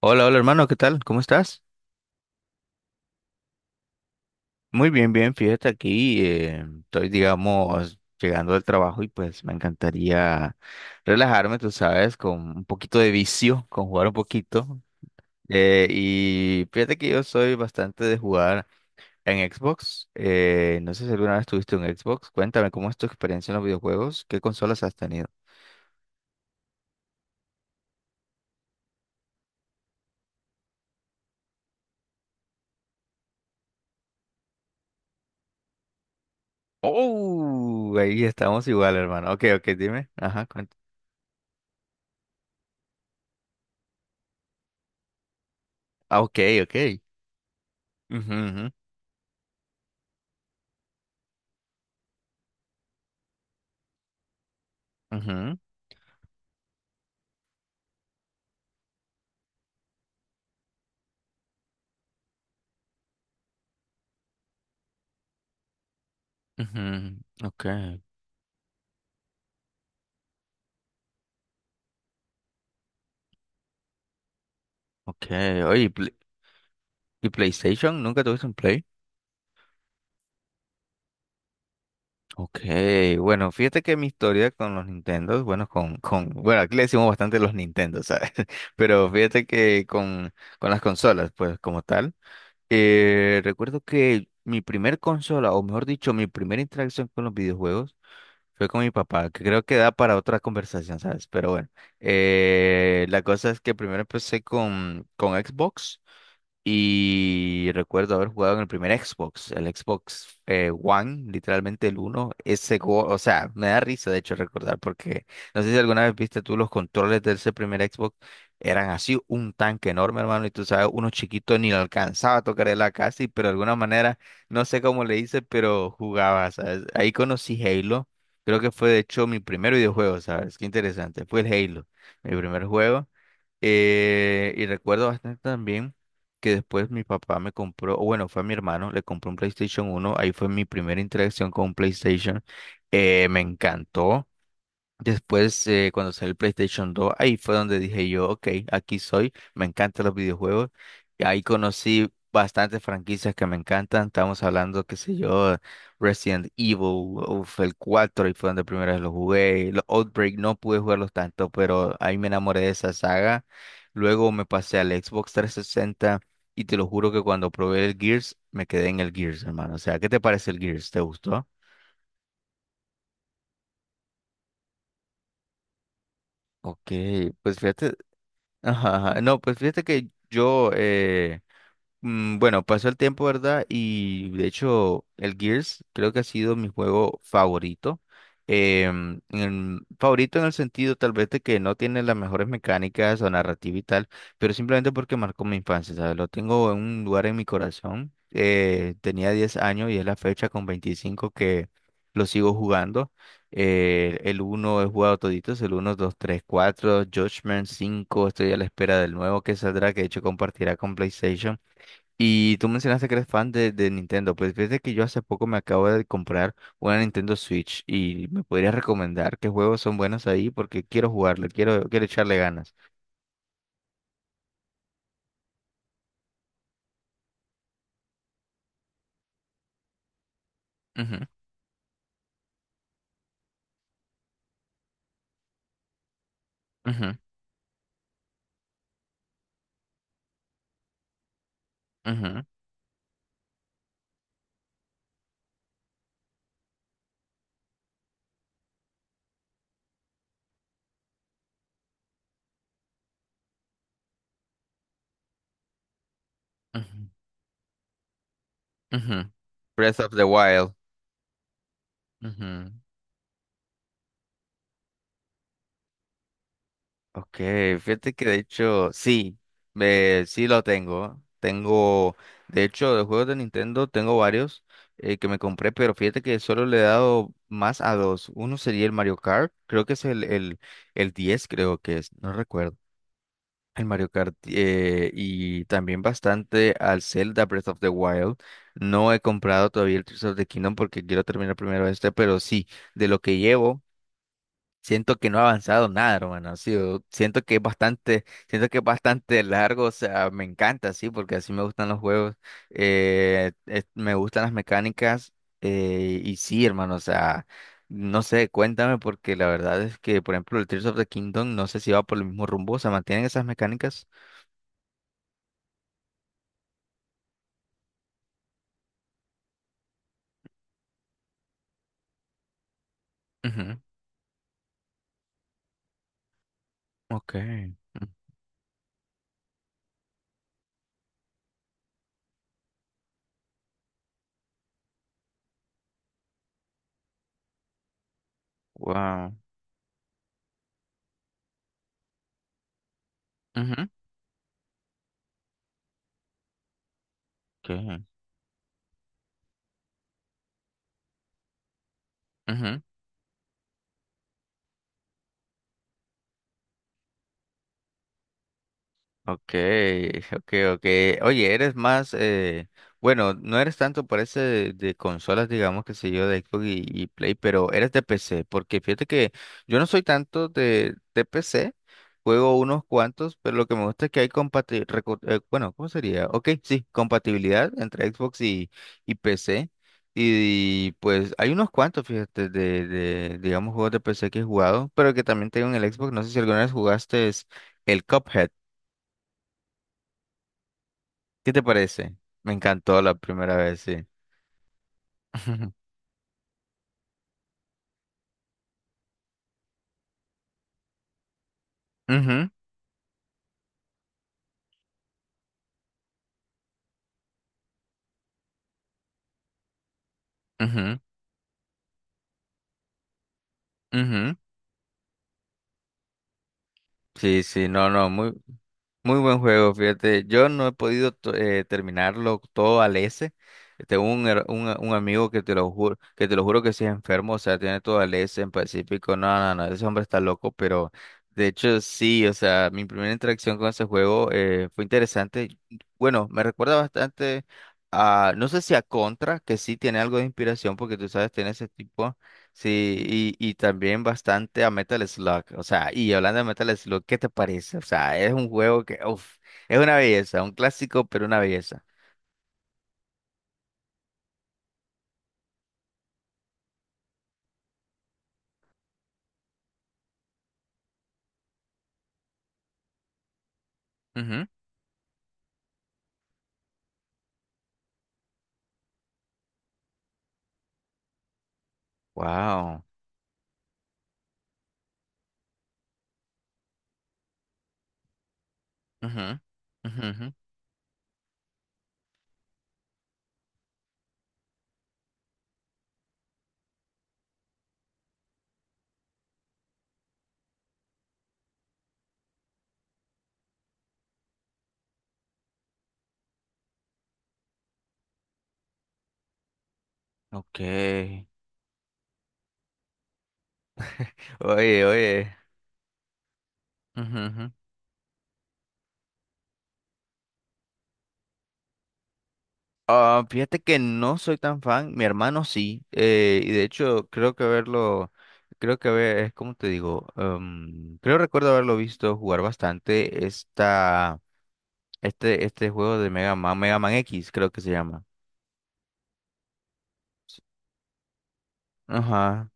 Hola, hola hermano, ¿qué tal? ¿Cómo estás? Muy bien, bien, fíjate aquí, estoy, digamos, llegando del trabajo y pues me encantaría relajarme, tú sabes, con un poquito de vicio, con jugar un poquito. Y fíjate que yo soy bastante de jugar en Xbox. No sé si alguna vez tuviste un Xbox. Cuéntame, ¿cómo es tu experiencia en los videojuegos? ¿Qué consolas has tenido? Oh, ahí estamos igual, hermano. Ok, ok, dime. Ajá, cuéntame. Ah, ok, ok. Ujú, ujú, ujú. Ujú, okay, okay. Oye, ¿y PlayStation? ¿Nunca tuviste un Play? Okay, bueno, fíjate que mi historia con los Nintendo, bueno, bueno, aquí le decimos bastante los Nintendo, ¿sabes? Pero fíjate que con las consolas, pues, como tal, recuerdo que mi primer consola, o mejor dicho, mi primera interacción con los videojuegos fue con mi papá, que creo que da para otra conversación, ¿sabes? Pero bueno, la cosa es que primero empecé con Xbox. Y recuerdo haber jugado en el primer Xbox, el Xbox One, literalmente el uno. Ese juego, o sea, me da risa de hecho recordar, porque no sé si alguna vez viste tú los controles de ese primer Xbox, eran así un tanque enorme, hermano, y tú sabes, uno chiquito ni lo alcanzaba a tocar la casi, pero de alguna manera, no sé cómo le hice, pero jugaba, ¿sabes? Ahí conocí Halo, creo que fue de hecho mi primer videojuego, ¿sabes? Qué interesante, fue el Halo, mi primer juego. Y recuerdo bastante también que después mi papá me compró, o bueno, fue a mi hermano, le compró un PlayStation uno. Ahí fue mi primera interacción con un PlayStation, me encantó. Después, cuando salió el PlayStation 2, ahí fue donde dije yo, ok, aquí soy, me encantan los videojuegos. Y ahí conocí bastantes franquicias que me encantan. Estamos hablando, qué sé yo, Resident Evil, uf, el 4 y fue donde primera vez lo jugué. Los Outbreak no pude jugarlos tanto, pero ahí me enamoré de esa saga. Luego me pasé al Xbox 360 y te lo juro que cuando probé el Gears, me quedé en el Gears, hermano. O sea, ¿qué te parece el Gears? ¿Te gustó? Ok, pues fíjate. Ajá, ajá. No, pues fíjate que yo, bueno, pasó el tiempo, ¿verdad? Y de hecho, el Gears creo que ha sido mi juego favorito. Favorito en el sentido tal vez de que no tiene las mejores mecánicas o narrativa y tal, pero simplemente porque marcó mi infancia, ¿sabes? Lo tengo en un lugar en mi corazón. Tenía 10 años y es la fecha con 25 que lo sigo jugando. El uno he jugado toditos, el uno 2 3 4 Judgment cinco. Estoy a la espera del nuevo que saldrá, que de hecho compartirá con PlayStation. Y tú mencionaste que eres fan de Nintendo, pues fíjate que yo hace poco me acabo de comprar una Nintendo Switch y me podrías recomendar qué juegos son buenos ahí porque quiero jugarlo, quiero echarle ganas. Ujú, ujú, ujú, ujú, ujú. Breath of the Wild. Ok, fíjate que de hecho, sí, sí lo tengo. Tengo, de hecho, de juegos de Nintendo tengo varios que me compré, pero fíjate que solo le he dado más a dos. Uno sería el Mario Kart, creo que es el 10, creo que es, no recuerdo. El Mario Kart y también bastante al Zelda Breath of the Wild. No he comprado todavía el Tears of the Kingdom porque quiero terminar primero este, pero sí, de lo que llevo. Siento que no ha avanzado nada, hermano. Sí, siento que es bastante, siento que es bastante largo. O sea, me encanta, sí, porque así me gustan los juegos. Me gustan las mecánicas. Y sí, hermano, o sea, no sé, cuéntame, porque la verdad es que, por ejemplo, el Tears of the Kingdom, no sé si va por el mismo rumbo. O sea, mantienen esas mecánicas. Ujú, ok. Wow. Ok. Okay, okay, okay. Oye, eres más, bueno, no eres tanto por ese de consolas, digamos, que sé yo, de Xbox y Play, pero eres de PC, porque fíjate que yo no soy tanto de PC, juego unos cuantos, pero lo que me gusta es que hay compatibilidad, bueno, ¿cómo sería? Ok, sí, compatibilidad entre Xbox y PC. Y, pues hay unos cuantos, fíjate, digamos, juegos de PC que he jugado, pero que también tengo en el Xbox. No sé si alguna vez jugaste es el Cuphead. ¿Qué te parece? Me encantó la primera vez, sí. Ujú, ujú, ujú. Sí, sí, no, no, muy muy buen juego, fíjate. Yo no he podido terminarlo todo al S. Tengo un amigo que te lo juro, que te lo juro que sí es enfermo, o sea, tiene todo al S en Pacífico. No, no, no, ese hombre está loco, pero de hecho sí, o sea, mi primera interacción con ese juego fue interesante. Bueno, me recuerda bastante a, no sé si a Contra, que sí tiene algo de inspiración, porque tú sabes, tiene ese tipo. Sí, y también bastante a Metal Slug. O sea, y hablando de Metal Slug, ¿qué te parece? O sea, es un juego que, uff, es una belleza, un clásico, pero una belleza. Ujú. Wow. Ujú, ujú, ujú. Ok. Oye, oye. Ujú, ujú. Ah, fíjate que no soy tan fan, mi hermano sí, y de hecho creo que verlo, creo que ver, es como te digo, creo recuerdo haberlo visto jugar bastante esta. Este juego de Mega Man, Mega Man X, creo que se llama. Ajá.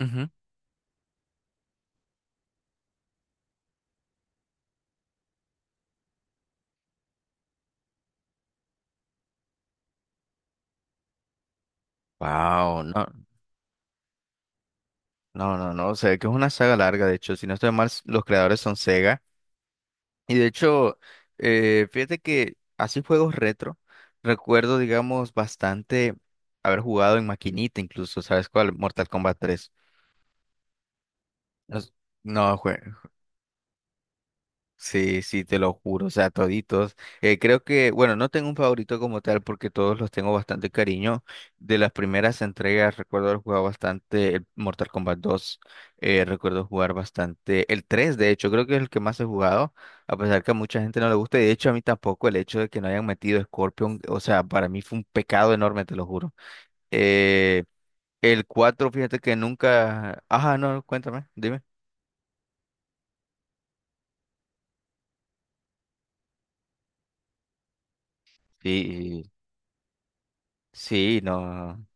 Ujú. Wow, no, no, no, no, o sea, que es una saga larga, de hecho, si no estoy mal, los creadores son Sega, y de hecho, fíjate que así juegos retro, recuerdo, digamos, bastante haber jugado en maquinita, incluso, ¿sabes cuál? Mortal Kombat 3. No, sí, sí, te lo juro, o sea, toditos. Creo que, bueno, no tengo un favorito como tal porque todos los tengo bastante cariño. De las primeras entregas recuerdo haber jugado bastante el Mortal Kombat dos. Recuerdo jugar bastante el 3. De hecho, creo que es el que más he jugado, a pesar que a mucha gente no le gusta y de hecho a mí tampoco el hecho de que no hayan metido Scorpion, o sea, para mí fue un pecado enorme, te lo juro. Eh, el 4, fíjate que nunca... Ajá, no, cuéntame, dime. Sí, sí, no.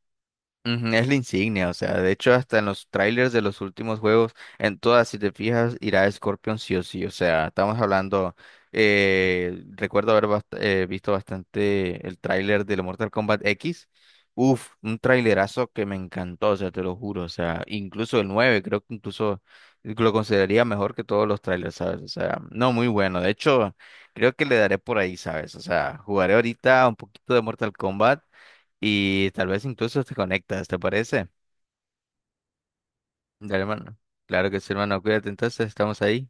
Ujú, es la insignia, o sea, de hecho hasta en los trailers de los últimos juegos, en todas, si te fijas, irá Scorpion sí o sí, o sea, estamos hablando, recuerdo haber visto bastante el trailer del Mortal Kombat X, uf, un trailerazo que me encantó, o sea, te lo juro, o sea, incluso el 9 creo que incluso lo consideraría mejor que todos los trailers, ¿sabes? O sea, no, muy bueno, de hecho, creo que le daré por ahí, ¿sabes? O sea, jugaré ahorita un poquito de Mortal Kombat. Y tal vez incluso te conectas, ¿te parece? Dale, hermano. Claro que sí, hermano. Cuídate entonces, estamos ahí.